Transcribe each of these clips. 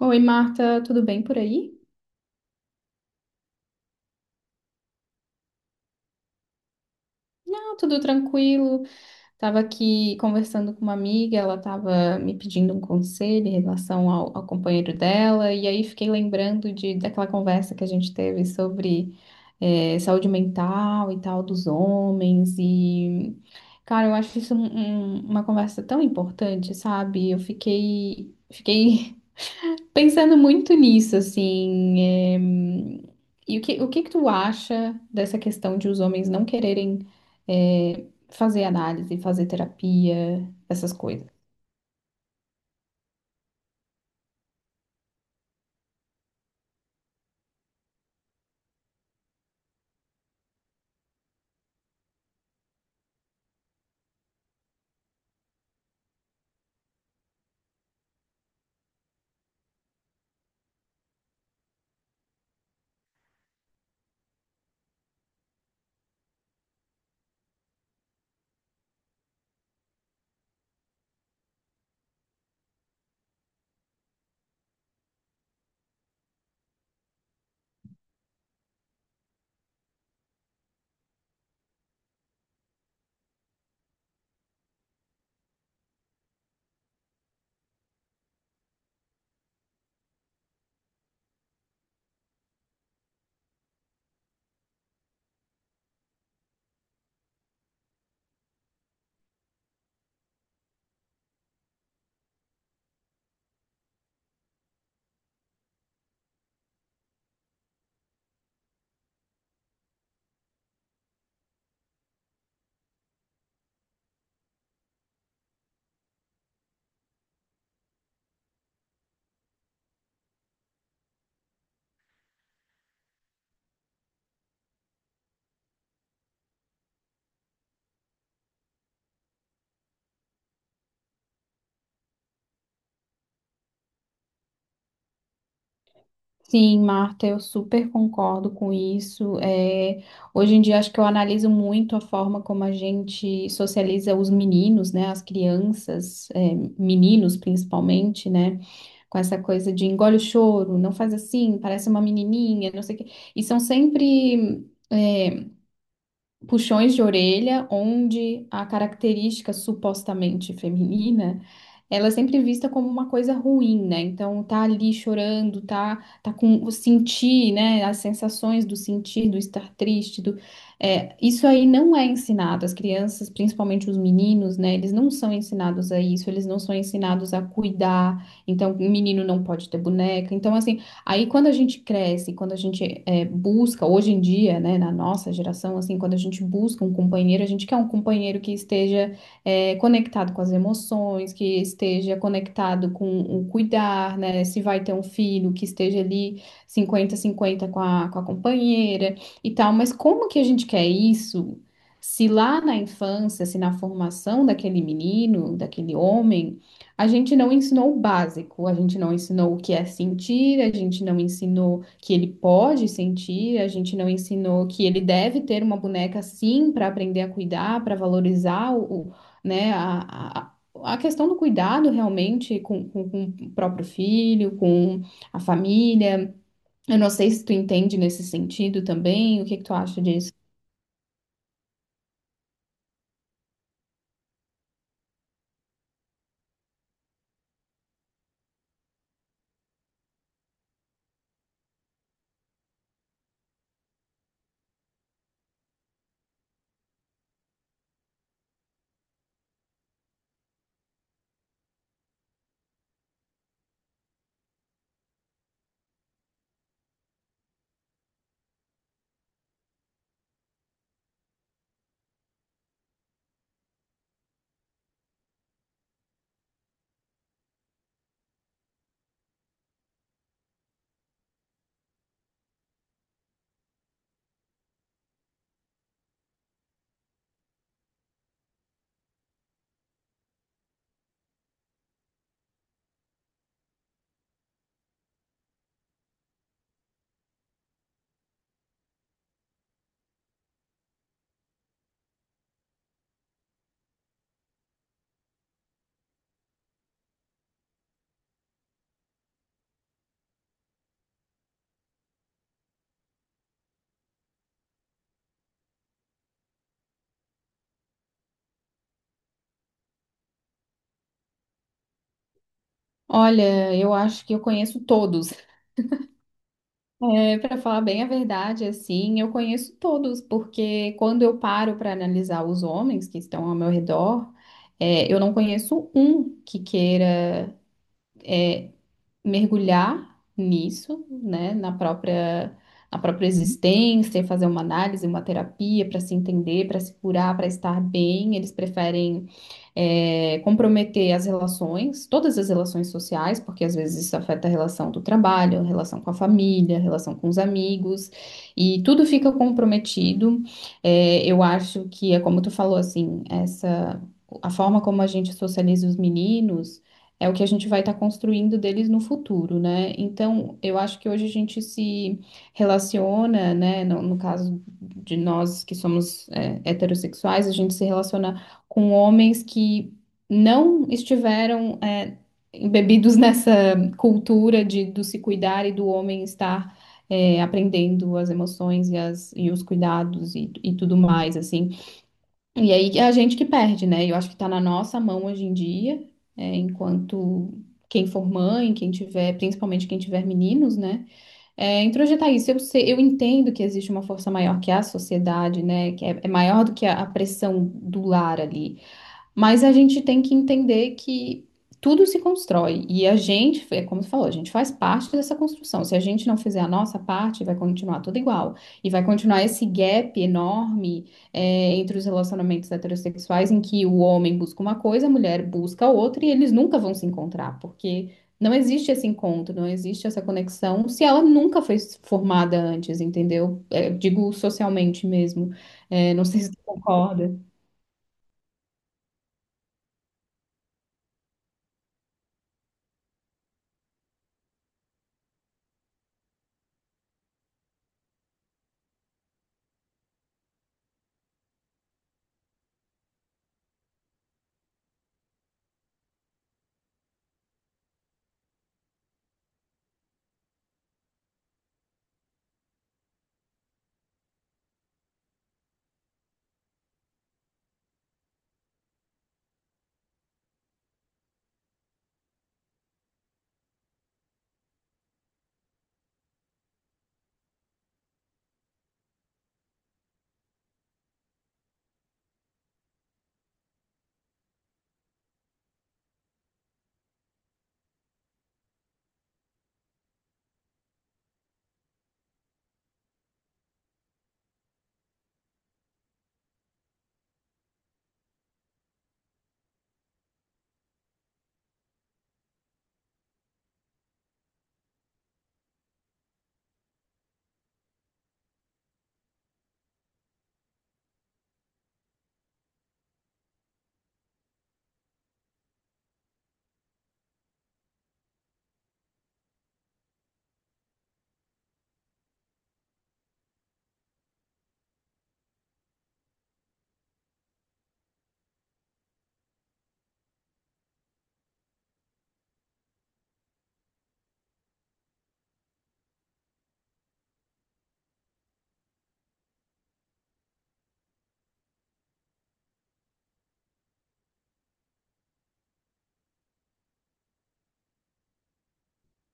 Oi, Marta, tudo bem por aí? Não, tudo tranquilo. Estava aqui conversando com uma amiga, ela estava me pedindo um conselho em relação ao companheiro dela, e aí fiquei lembrando daquela conversa que a gente teve sobre saúde mental e tal dos homens, e cara, eu acho isso uma conversa tão importante, sabe? Eu fiquei pensando muito nisso, assim. eh, E o o que que tu acha dessa questão de os homens não quererem. eh, fazer análise, fazer terapia, essas coisas. Sim, Marta, eu super concordo com isso. É, hoje em dia acho que eu analiso muito a forma como a gente socializa os meninos, né, as crianças, é, meninos principalmente, né, com essa coisa de engole o choro, não faz assim, parece uma menininha, não sei o quê. E são sempre é, puxões de orelha, onde a característica supostamente feminina, ela é sempre vista como uma coisa ruim, né? Então tá ali chorando, tá, tá com o sentir, né? As sensações do sentir, do estar triste, é, isso aí não é ensinado. As crianças, principalmente os meninos, né? Eles não são ensinados a isso, eles não são ensinados a cuidar. Então, o menino não pode ter boneca. Então, assim, aí quando a gente cresce, quando a gente busca, hoje em dia, né, na nossa geração, assim, quando a gente busca um companheiro, a gente quer um companheiro que esteja conectado com as emoções, que esteja conectado com o cuidar, né, se vai ter um filho, que esteja ali 50-50 com a companheira e tal, mas como que a gente quer isso? Se lá na infância, se na formação daquele menino, daquele homem, a gente não ensinou o básico, a gente não ensinou o que é sentir, a gente não ensinou que ele pode sentir, a gente não ensinou que ele deve ter uma boneca sim para aprender a cuidar, para valorizar né, a questão do cuidado realmente com o próprio filho, com a família. Eu não sei se tu entende nesse sentido também, o que que tu acha disso? Olha, eu acho que eu conheço todos. É, para falar bem a verdade, assim, eu conheço todos, porque quando eu paro para analisar os homens que estão ao meu redor, é, eu não conheço um que queira mergulhar nisso, na própria existência, fazer uma análise, uma terapia para se entender, para se curar, para estar bem. Eles preferem comprometer as relações, todas as relações sociais, porque às vezes isso afeta a relação do trabalho, a relação com a família, a relação com os amigos, e tudo fica comprometido. É, eu acho que é como tu falou, assim, essa, a forma como a gente socializa os meninos. É o que a gente vai estar construindo deles no futuro, né? Então, eu acho que hoje a gente se relaciona, né? No caso de nós que somos é, heterossexuais, a gente se relaciona com homens que não estiveram embebidos nessa cultura de, do se cuidar e do homem estar aprendendo as emoções e os cuidados e tudo mais, assim. E aí é a gente que perde, né? Eu acho que está na nossa mão hoje em dia, é, enquanto quem for mãe, quem tiver, principalmente quem tiver meninos, né? É, introjetar isso. Eu sei, eu entendo que existe uma força maior que a sociedade, né? Que é, é maior do que a pressão do lar ali. Mas a gente tem que entender que tudo se constrói e a gente, é como tu falou, a gente faz parte dessa construção. Se a gente não fizer a nossa parte, vai continuar tudo igual. E vai continuar esse gap enorme, é, entre os relacionamentos heterossexuais, em que o homem busca uma coisa, a mulher busca outra e eles nunca vão se encontrar, porque não existe esse encontro, não existe essa conexão se ela nunca foi formada antes, entendeu? É, digo socialmente mesmo. É, não sei se tu concorda.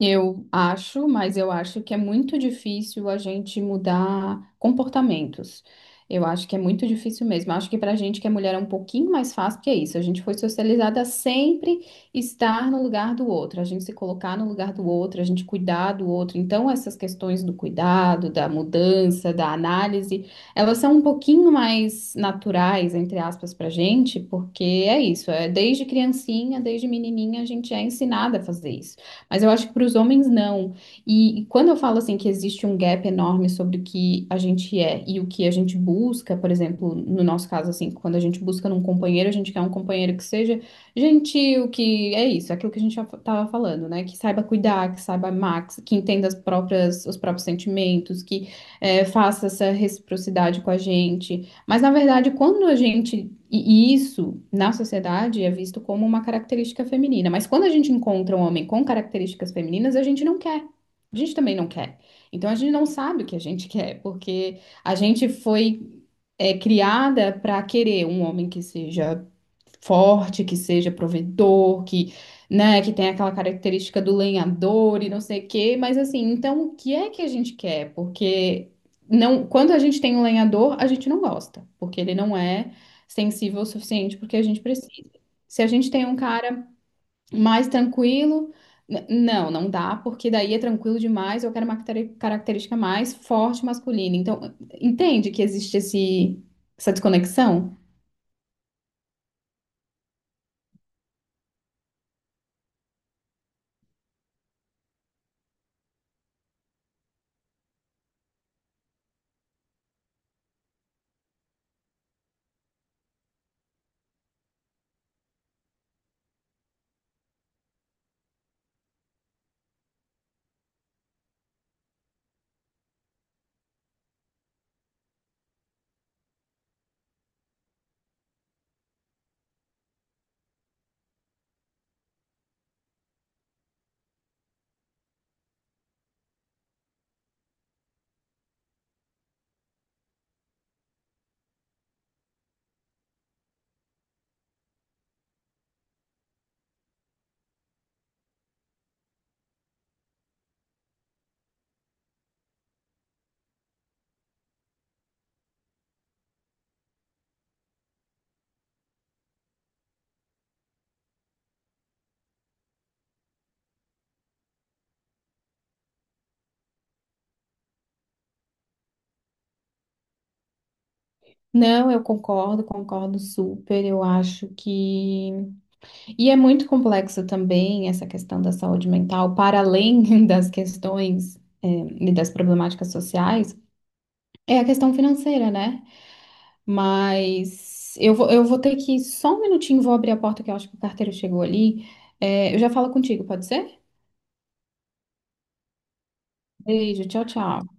Eu acho, mas eu acho que é muito difícil a gente mudar comportamentos. Eu acho que é muito difícil mesmo. Eu acho que pra gente que é mulher é um pouquinho mais fácil, porque é isso. A gente foi socializada a sempre estar no lugar do outro, a gente se colocar no lugar do outro, a gente cuidar do outro. Então, essas questões do cuidado, da mudança, da análise, elas são um pouquinho mais naturais, entre aspas, pra gente, porque é isso. É desde criancinha, desde menininha, a gente é ensinada a fazer isso. Mas eu acho que para os homens não. E quando eu falo assim que existe um gap enorme sobre o que a gente é e o que a gente busca, por exemplo, no nosso caso assim, quando a gente busca num companheiro, a gente quer um companheiro que seja gentil, que é isso, é aquilo que a gente tava falando, né? Que saiba cuidar, que saiba amar, que entenda as próprias os próprios sentimentos, que faça essa reciprocidade com a gente. Mas, na verdade, quando a gente. E isso na sociedade é visto como uma característica feminina. Mas quando a gente encontra um homem com características femininas, a gente não quer. A gente também não quer. Então a gente não sabe o que a gente quer, porque a gente foi criada para querer um homem que seja forte, que seja provedor, que, né, que tem aquela característica do lenhador e não sei o quê, mas assim, então o que é que a gente quer? Porque não, quando a gente tem um lenhador, a gente não gosta, porque ele não é sensível o suficiente porque a gente precisa. Se a gente tem um cara mais tranquilo, não, não dá, porque daí é tranquilo demais, eu quero uma característica mais forte masculina. Então, entende que essa desconexão? Não, eu concordo, concordo super. Eu acho que. E é muito complexo também essa questão da saúde mental, para além das questões, eh, e das problemáticas sociais, é a questão financeira, né? Mas eu vou ter que. Só um minutinho, vou abrir a porta que eu acho que o carteiro chegou ali. Eh, eu já falo contigo, pode ser? Beijo, tchau, tchau.